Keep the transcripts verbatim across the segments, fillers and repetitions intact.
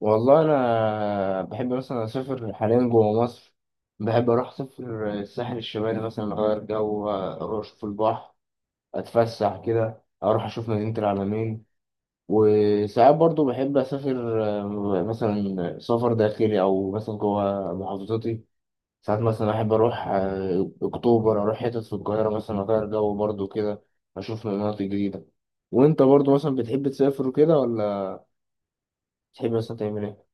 والله، انا بحب مثلا اسافر حاليا جوه مصر. بحب اروح اسافر الساحل الشمالي، مثلا اغير جو، اروح اشوف البحر. اتفسح كده، اروح اشوف مدينة العلمين. وساعات برضو بحب اسافر، آه، مثلا سفر داخلي او مثلا جوه محافظتي. ساعات مثلا احب اروح، آه، اكتوبر، اروح حتت في القاهرة مثلا، اغير جو برضو كده. اشوف مناطق جديدة. وانت برضو مثلا بتحب تسافر وكده، ولا بتحب مثلا تعمل ايه؟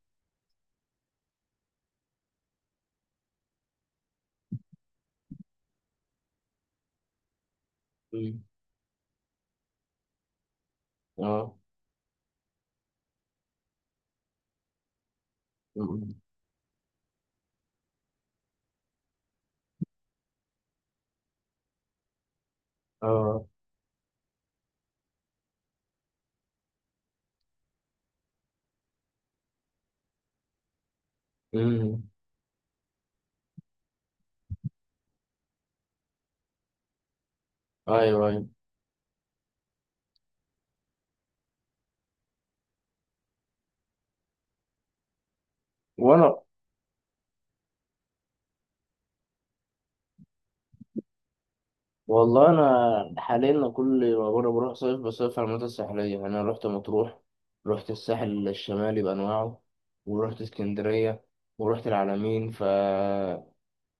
مم. اه، اه. امم. ايوه، ايوه. وانا والله انا حاليا كل ما بره بروح صيف بصيف على المناطق الساحليه، يعني انا رحت مطروح. رحت الساحل الشمالي بانواعه. ورحت اسكندريه. ورحت العلمين. ف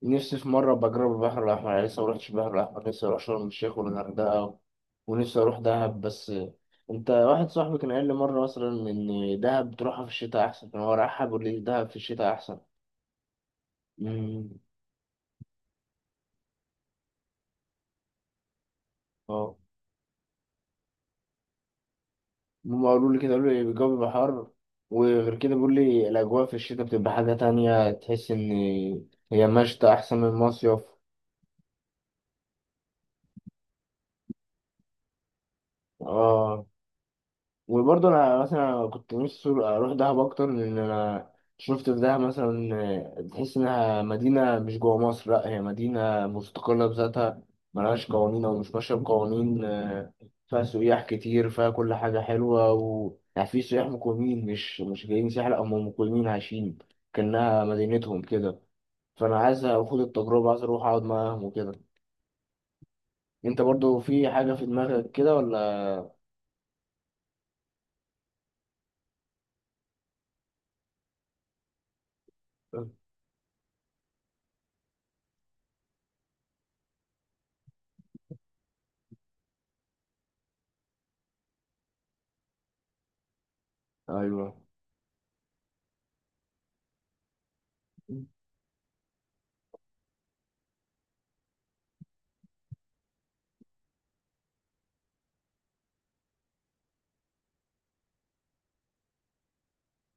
نفسي في مره بجرب البحر الاحمر، يعني لسه ما رحتش البحر الاحمر، لسه اروح شرم الشيخ والغردقه. ونفسي اروح دهب، بس انت، واحد صاحبي كان قال لي مره مثلا ان دهب تروحها في الشتاء احسن، كان هو رايحها بيقول لي دهب في الشتاء احسن. امم. اه، هم قالوا لي كده، قالوا لي الجو بيبقى حر. وغير كده بيقول لي الأجواء في الشتاء بتبقى حاجة تانية، تحس إن هي مشتى أحسن من المصيف. اه، وبرضه انا مثلا كنت نفسي اروح دهب اكتر، لان انا شفت في دهب مثلا، آه، تحس انها مدينه مش جوه مصر، لا هي مدينه مستقله بذاتها. ملهاش قوانين، او مش ماشيه بقوانين. آه، فيها سياح كتير، فيها كل حاجه حلوه، و، يعني، في سياح مقيمين، مش مش جايين سياح، لا هم مقيمين عايشين، كانها مدينتهم كده. فانا عايز اخد التجربه، عايز اروح اقعد معاهم وكده. انت برضه في حاجه في دماغك كده ولا؟ ايوه.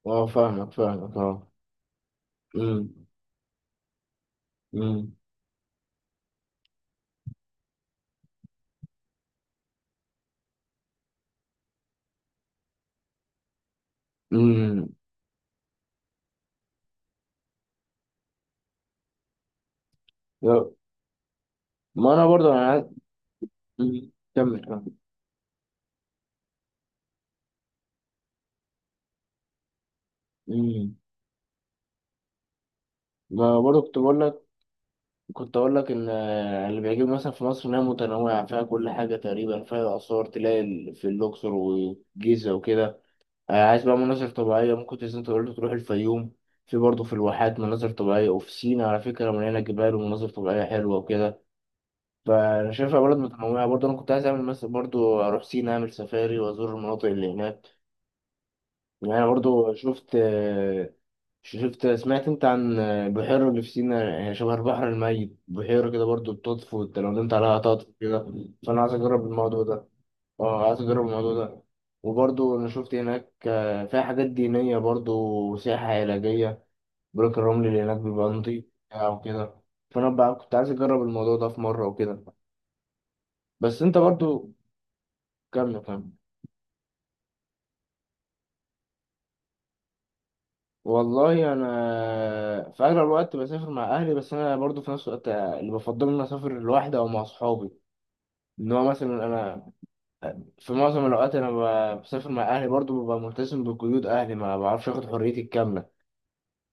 اه، فاهمك، فاهمك، اه. امم. امم. امم. يا- ما انا برضو انا عايز- مم. كمل، كمل. امم. ما برضو كنت بقول لك، كنت اقول لك ان، آه، اللي بيعجبني مثلا في مصر انها متنوعه، فيها كل حاجه تقريبا، فيها اثار، تلاقي ال- في الاقصر والجيزه وكده. آه، عايز بقى مناظر طبيعيه، ممكن تنزل، انت قلت تروح الفيوم. في برضه في الواحات مناظر طبيعية، وفي سينا على فكرة مليانة جبال ومناظر طبيعية حلوة وكده. فأنا شايفها بلد متنوعة، برضه أنا كنت عايز أعمل مثلا، برضه أروح سينا أعمل سفاري وأزور المناطق اللي هناك. يعني برضو شفت، شفت سمعت انت عن بحيرة اللي في سينا، يعني شبه البحر الميت، بحيرة كده برضو بتطفو، انت لو نمت عليها هتطفو كده. فانا عايز اجرب الموضوع ده. اه، عايز اجرب الموضوع ده. وبرضو انا شفت هناك، آه، فيها حاجات دينية برضو، وسياحة علاجية. بروك الرمل اللي هناك بيبقى نضيف او كده. فانا بقى كنت عايز اجرب الموضوع ده في مرة وكده. بس انت برضو، كمل، كمل. والله انا في اغلب الوقت بسافر مع اهلي، بس انا برضو في نفس الوقت اللي بفضل ان أنا اسافر لوحدي او مع اصحابي. ان هو مثلا انا، في معظم الاوقات انا ب- بسافر مع اهلي، برضو ببقى ملتزم بقيود اهلي، ما بعرفش اخد حريتي الكامله.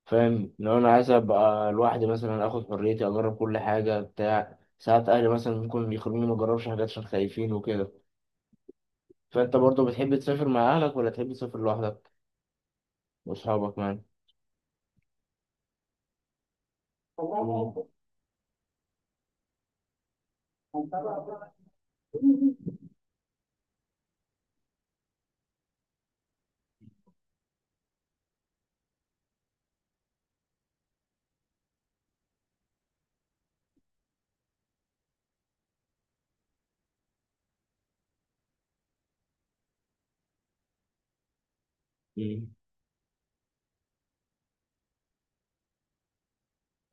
فاهم، لو انا عايز ابقى لوحدي مثلا، اخد حريتي، اجرب كل حاجه بتاع، ساعات اهلي مثلا ممكن يخلوني ما اجربش حاجات عشان خايفين وكده. فانت برضو بتحب تسافر مع اهلك، ولا تحب تسافر لوحدك واصحابك؟ مان.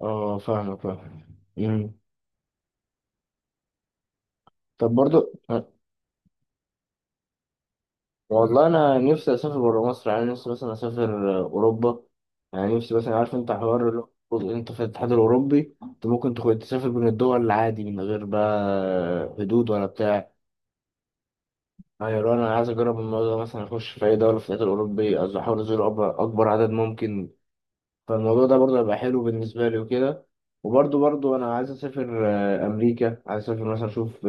اه، فاهم، فاهم. مم. طب برضو، آه، والله انا نفسي اسافر بره مصر، يعني نفسي مثلا اسافر، آه، اوروبا. يعني نفسي مثلا، عارف انت حوار اللي هو، انت في الاتحاد الاوروبي انت ممكن تخ- تسافر بين الدول عادي، من غير بقى حدود ولا بتاع. يعني لو انا عايز اجرب الموضوع ده، مثلا اخش في اي دوله في الاتحاد الاوروبي، أز- احاول ازور أب- اكبر عدد ممكن. فالموضوع ده برضه هيبقى حلو بالنسبة لي وكده. وبرضه برضه أنا عايز أسافر، آه، أمريكا، عايز أسافر مثلا أشوف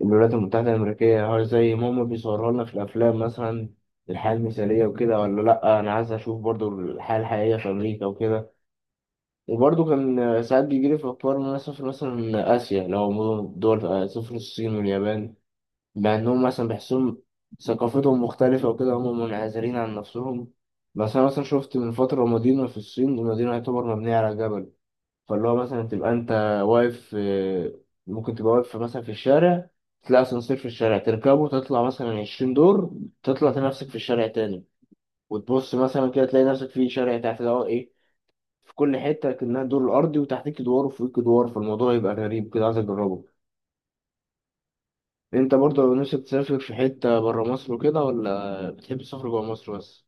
الولايات المتحدة الأمريكية، هل زي ما هما بيصوروا لنا في الأفلام مثلا الحياة المثالية وكده، ولا لأ، أنا عايز أشوف برضه الحياة الحقيقية في أمريكا وكده. وبرضه كان، آه، ساعات بيجيلي في أفكار إن أنا أسافر مثلا آسيا، لو دول، آه، أسافر الصين واليابان. بأنهم مثلا بيحسهم ثقافتهم مختلفة وكده، هم منعزلين عن نفسهم. بس أنا مثلا شفت من فترة مدينة في الصين، المدينة يعتبر مبنية على جبل. فاللي هو مثلا تبقى أنت واقف، آه، ممكن تبقى واقف مثلا في الشارع، تلاقي أسانسير في الشارع، تركبه تطلع مثلا عشرين دور، تطلع تلاقي نفسك في الشارع تاني. وتبص مثلا كده، تلاقي نفسك في شارع تحت، ده هو إيه؟ في كل حتة كأنها دور الأرضي، وتحتك دوار وفوقك دوار، فالموضوع يبقى غريب كده، عايز أجربه. انت برضه لو نفسك تسافر في حتة برا مصر وكده، ولا بتحب تسافر جوا مصر بس؟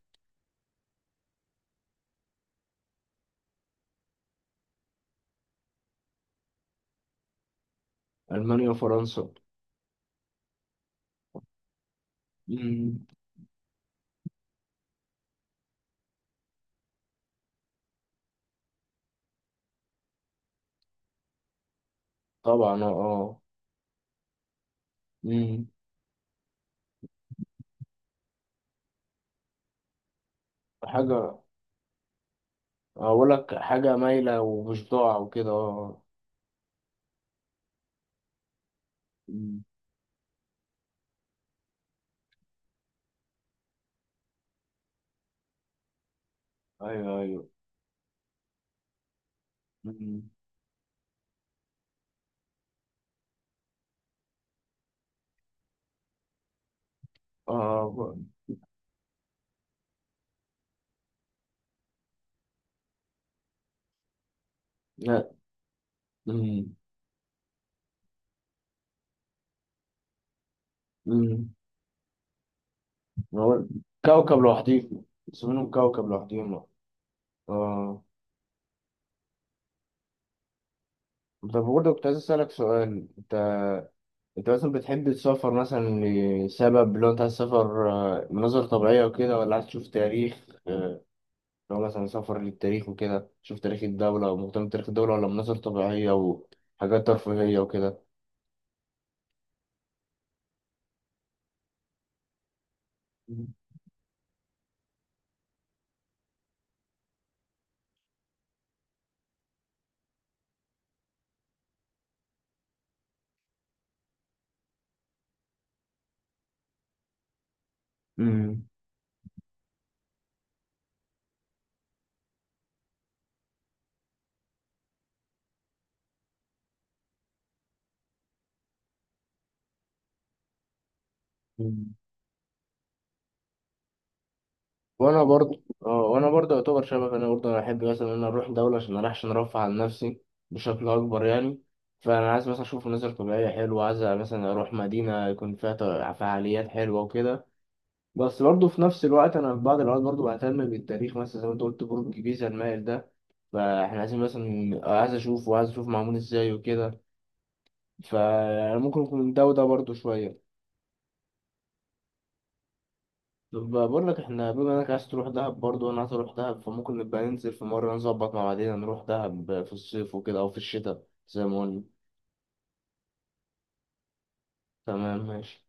ألمانيا وفرنسا. مم. طبعا، اه، اه. مم. حاجة أقول لك حاجة مايلة ومش ضاع وكده، اه. مم. أيوه، أيوه. مم. اه، ب- لا. مم. مم. هو كوكب لوحديهم، اسمهم كوكب لوحديهم، اه. آه. طب برضه كنت عايز أسألك سؤال، انت انت مثلا بتحب تسافر مثلا لسبب، لو انت عايز تسافر، آه، مناظر طبيعية وكده، ولا عايز تشوف تاريخ، آه، لو مثلا سفر للتاريخ وكده، تشوف تاريخ الدولة، او مهتم بتاريخ الدولة، ولا مناظر طبيعية وحاجات ترفيهية وكده؟ امم. أمم. وانا برضه اه وانا برضه يعتبر شبك، انا برضه انا احب مثلا ان انا اروح دولة، عشان اروح عشان ارفع عن نفسي بشكل اكبر، يعني فانا عايز مثلا اشوف مناظر طبيعية حلوة، عايز مثلا اروح مدينة يكون فيها ط- فعاليات حلوة وكده. بس برضه في نفس الوقت، انا في بعض الاوقات برضه بهتم بالتاريخ، مثلا زي ما انت قلت برج بيزا المائل ده، فاحنا عايزين مثلا، عايز اشوفه وعايز اشوف معمول ازاي وكده. فانا ممكن اكون ده وده برضه شويه. طب بقول لك، احنا بما انك عايز تروح دهب برضه، وانا عايز اروح دهب، فممكن نبقى ننزل في مره، نظبط مع بعضنا نروح دهب في الصيف وكده، او في الشتاء زي ما قلنا. تمام، ماشي.